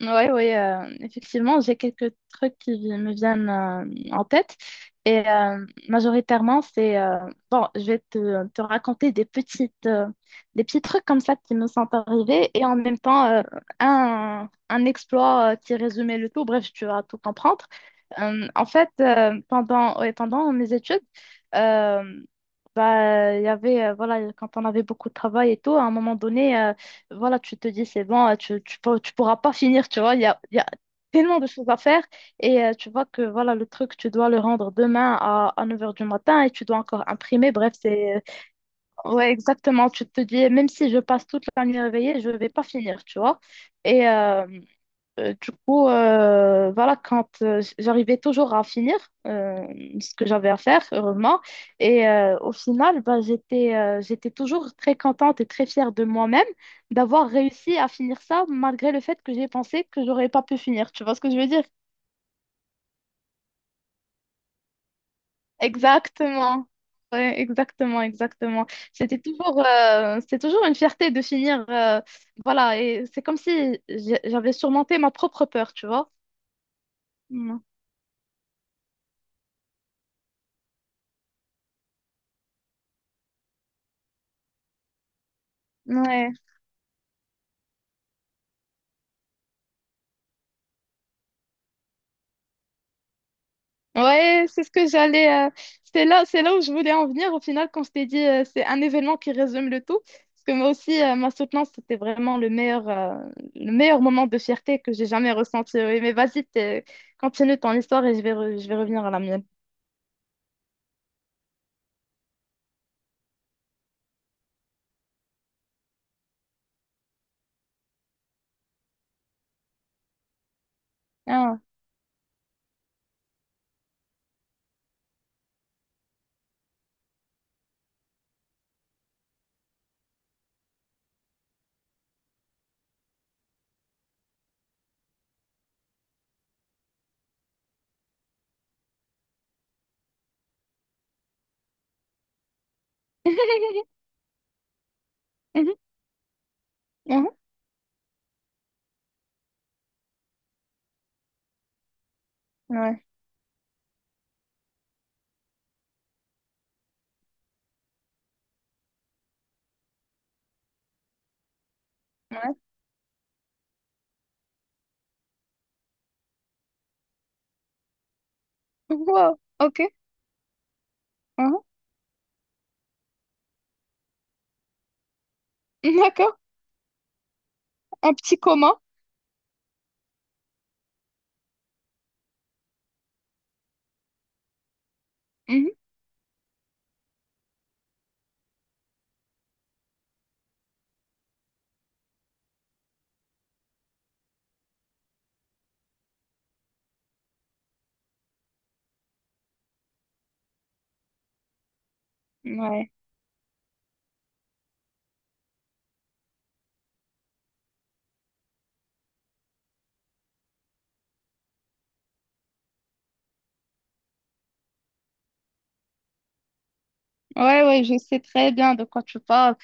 Oui, oui, effectivement, j'ai quelques trucs qui me viennent en tête. Et majoritairement, bon, je vais te raconter des petits trucs comme ça qui me sont arrivés et en même temps, un exploit qui résumait le tout. Bref, tu vas tout comprendre. En fait, ouais, pendant mes études, euh, bah, il y avait, voilà, quand on avait beaucoup de travail et tout, à un moment voilà, tu te dis c'est bon, tu pourras pas finir, tu vois, il y a tellement de choses à faire et tu vois que voilà, le truc, tu dois le rendre demain à 9 heures du matin et tu dois encore imprimer, bref, ouais, exactement, tu te dis, même si je passe toute la nuit réveillée, je vais pas finir, tu vois. Et, du coup, voilà, quand j'arrivais toujours à finir euh, ce que j'avais à faire, heureusement, et au final, bah, j'étais toujours très contente et très fière de moi-même d'avoir réussi à finir ça malgré le fait que j'ai pensé que j'aurais pas pu finir. Tu vois ce que je veux dire? Exactement. Ouais, exactement, exactement. C'était toujours une fierté de finir, voilà, et c'est comme si j'avais surmonté ma propre peur, tu vois. Mm. Ouais. Ouais, c'est ce que j'allais. C'est là où je voulais en venir. Au final, quand je t'ai dit, c'est un événement qui résume le tout. Parce que moi aussi, ma soutenance, c'était vraiment le meilleur moment de fierté que j'ai jamais ressenti. Oui, mais vas-y, continue ton histoire et je vais revenir à la mienne. Ah. Mhm, mhm, ouais, ouais. Wow, ok. Mhm. D'accord. Un petit coma. Mhm, ouais. Ouais, ouais, je sais très bien de quoi tu parles,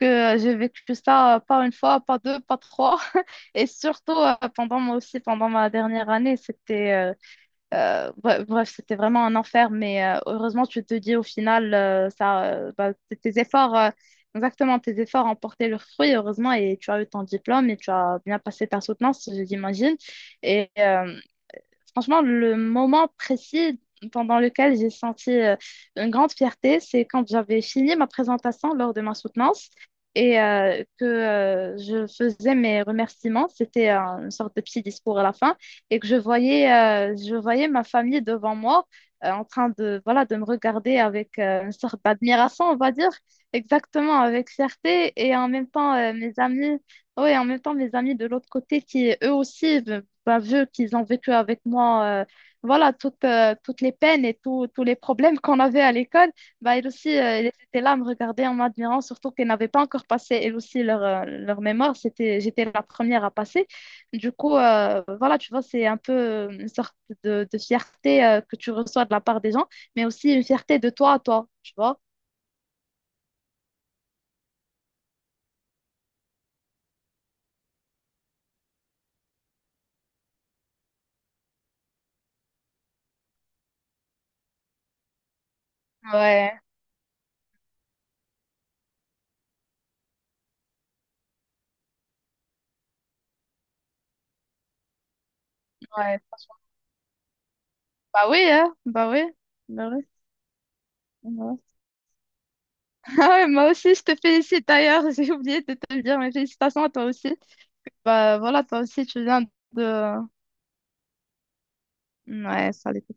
que j'ai vécu ça pas une fois, pas deux, pas trois, et surtout pendant moi aussi, pendant ma dernière année, c'était bref, c'était vraiment un enfer, mais heureusement, tu te dis au final, ça, bah, exactement, tes efforts ont porté leurs fruits, heureusement, et tu as eu ton diplôme et tu as bien passé ta soutenance, j'imagine, et, euh, Franchement, le moment précis pendant lequel j'ai senti une grande fierté, c'est quand j'avais fini ma présentation lors de ma soutenance et que je faisais mes remerciements. C'était Une sorte de petit discours à la fin et que je voyais ma famille devant moi en train voilà, de me regarder avec une sorte d'admiration, on va dire, exactement avec fierté et en même temps mes amis. Oui, en même temps, mes amis de l'autre côté qui, eux aussi, bah, vu qu'ils ont vécu avec moi voilà toutes les peines et tous les problèmes qu'on avait à l'école, bah, elles aussi, elles étaient là à me regarder en m'admirant, surtout qu'elles n'avaient pas encore passé, elles aussi, leur mémoire. J'étais la première à passer. Du coup, voilà, tu vois, c'est un peu une sorte de fierté que tu reçois de la part des gens, mais aussi une fierté de toi à toi, tu vois. Ouais, ouais. Bah oui, hein, bah oui. Bah oui. Ouais. Ah ouais, moi aussi, je te félicite d'ailleurs, j'ai oublié de te le dire, mais félicitations à toi aussi. Bah voilà, toi aussi, tu viens de... Ouais, ça l'était.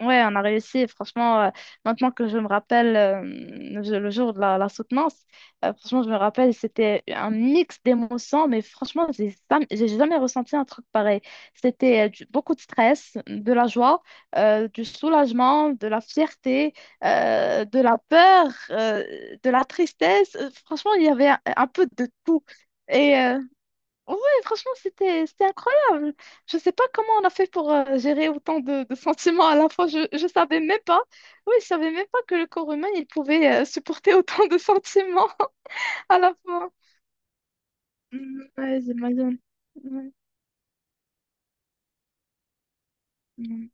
Ouais, on a réussi. Franchement, maintenant que je me rappelle le jour de la soutenance, franchement, je me rappelle, c'était un mix d'émotions, mais franchement, j'ai jamais ressenti un truc pareil. Beaucoup de stress, de la joie, du soulagement, de la fierté, de la peur, de la tristesse. Franchement, il y avait un peu de tout. Et ouais, franchement, c'était incroyable. Je sais pas comment on a fait pour gérer autant de sentiments à la fois. Je savais même pas. Oui, je savais même pas que le corps humain il pouvait supporter autant de sentiments à la fois. Mm, ouais, j'imagine. Ouais. Mm.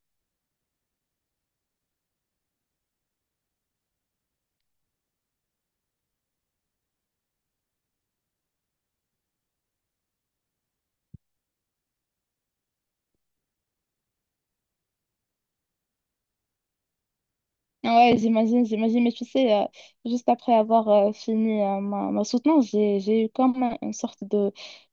Ouais, j'imagine, j'imagine. Mais tu sais, juste après avoir fini ma soutenance, j'ai eu comme une sorte de...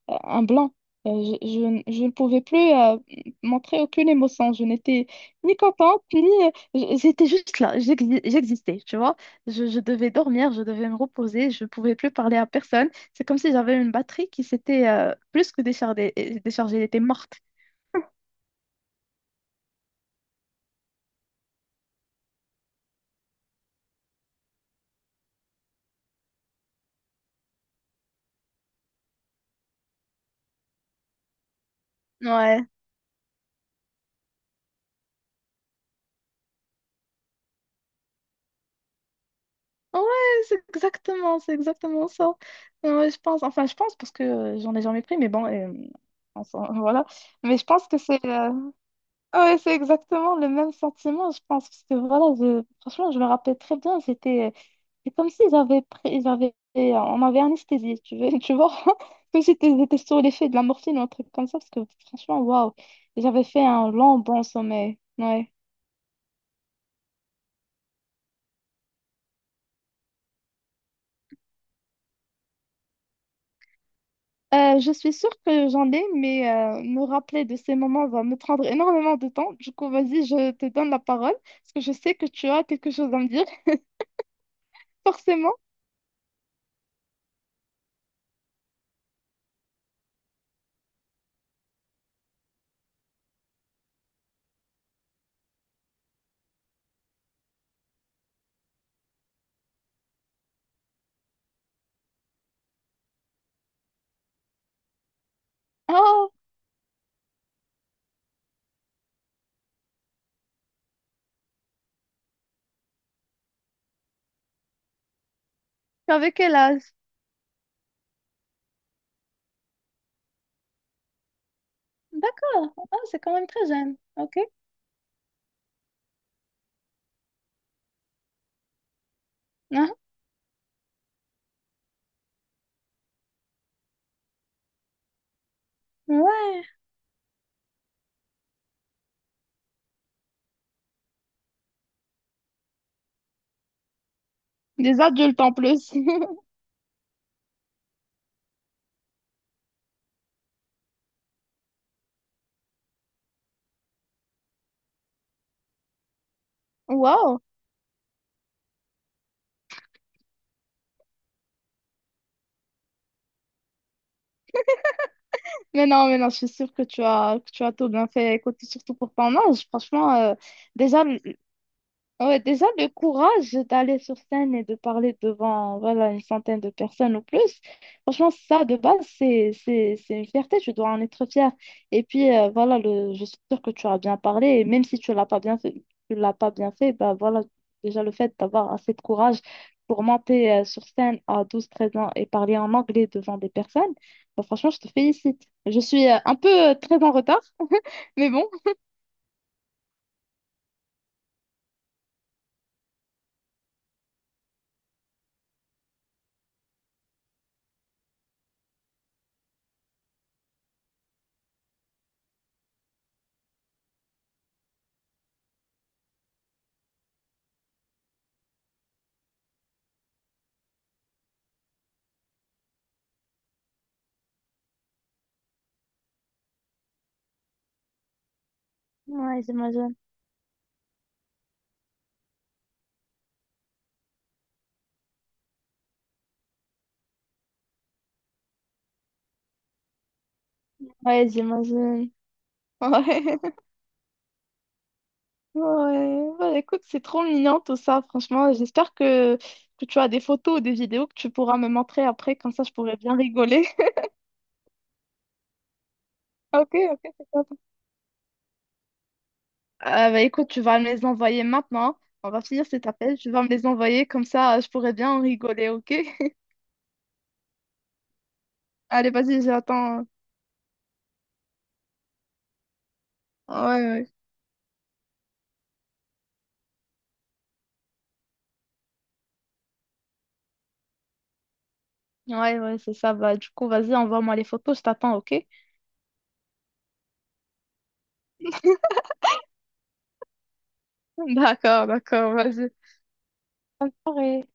un blanc. Je ne pouvais plus montrer aucune émotion. Je n'étais ni contente, ni... J'étais juste là. J'existais, tu vois. Je devais dormir, je devais me reposer. Je ne pouvais plus parler à personne. C'est comme si j'avais une batterie qui s'était plus que déchargée. Elle était morte. Ouais, ouais, c'est exactement ça. Ouais, je pense, enfin, je pense parce que j'en ai jamais pris, mais bon, voilà. Mais je pense que ouais, c'est exactement le même sentiment, je pense, parce que voilà, franchement, je me rappelle très bien, c'est comme si on m'avait anesthésié, tu vois, tu vois, comme si j'étais sous l'effet de la morphine ou un truc comme ça, parce que franchement, waouh, j'avais fait un long bon sommeil. Ouais. Je suis sûre que j'en ai, mais me rappeler de ces moments va me prendre énormément de temps. Du coup, vas-y, je te donne la parole, parce que je sais que tu as quelque chose à me dire, forcément. Oh, avec quel âge? D'accord. Ah, c'est quand même très jeune. Ok. Ah, ouais. Des adultes en plus. Wow. Mais non, je suis sûre que tu as, tout bien fait. Écoute, surtout pour ton âge, franchement, déjà, ouais, déjà, le courage d'aller sur scène et de parler devant, voilà, une centaine de personnes ou plus, franchement, ça, de base, c'est une fierté, tu dois en être fier. Et puis, voilà, je suis sûre que tu as bien parlé, et même si tu l'as pas bien fait, tu l'as pas bien fait, bah voilà, déjà, le fait d'avoir assez de courage pour monter, sur scène à 12 13 ans et parler en anglais devant des personnes, bah, franchement, je te félicite. Je suis, un peu, très en retard, mais bon. Ouais, j'imagine. Ouais, j'imagine. Ouais. Ouais, bah, écoute, c'est trop mignon tout ça, franchement. J'espère que tu as des photos ou des vidéos que tu pourras me montrer après, comme ça je pourrais bien rigoler. Ok, ok, c'est top. Ah bah, écoute, tu vas me les envoyer maintenant. On va finir cet appel, tu vas me les envoyer, comme ça je pourrais bien en rigoler, ok? Allez, vas-y, j'attends. Ouais, ouais. Ouais, ouais, c'est ça. Bah, du coup, vas-y, envoie-moi les photos, je t'attends, ok? D'accord, d'accord, vas-y. Bonne soirée.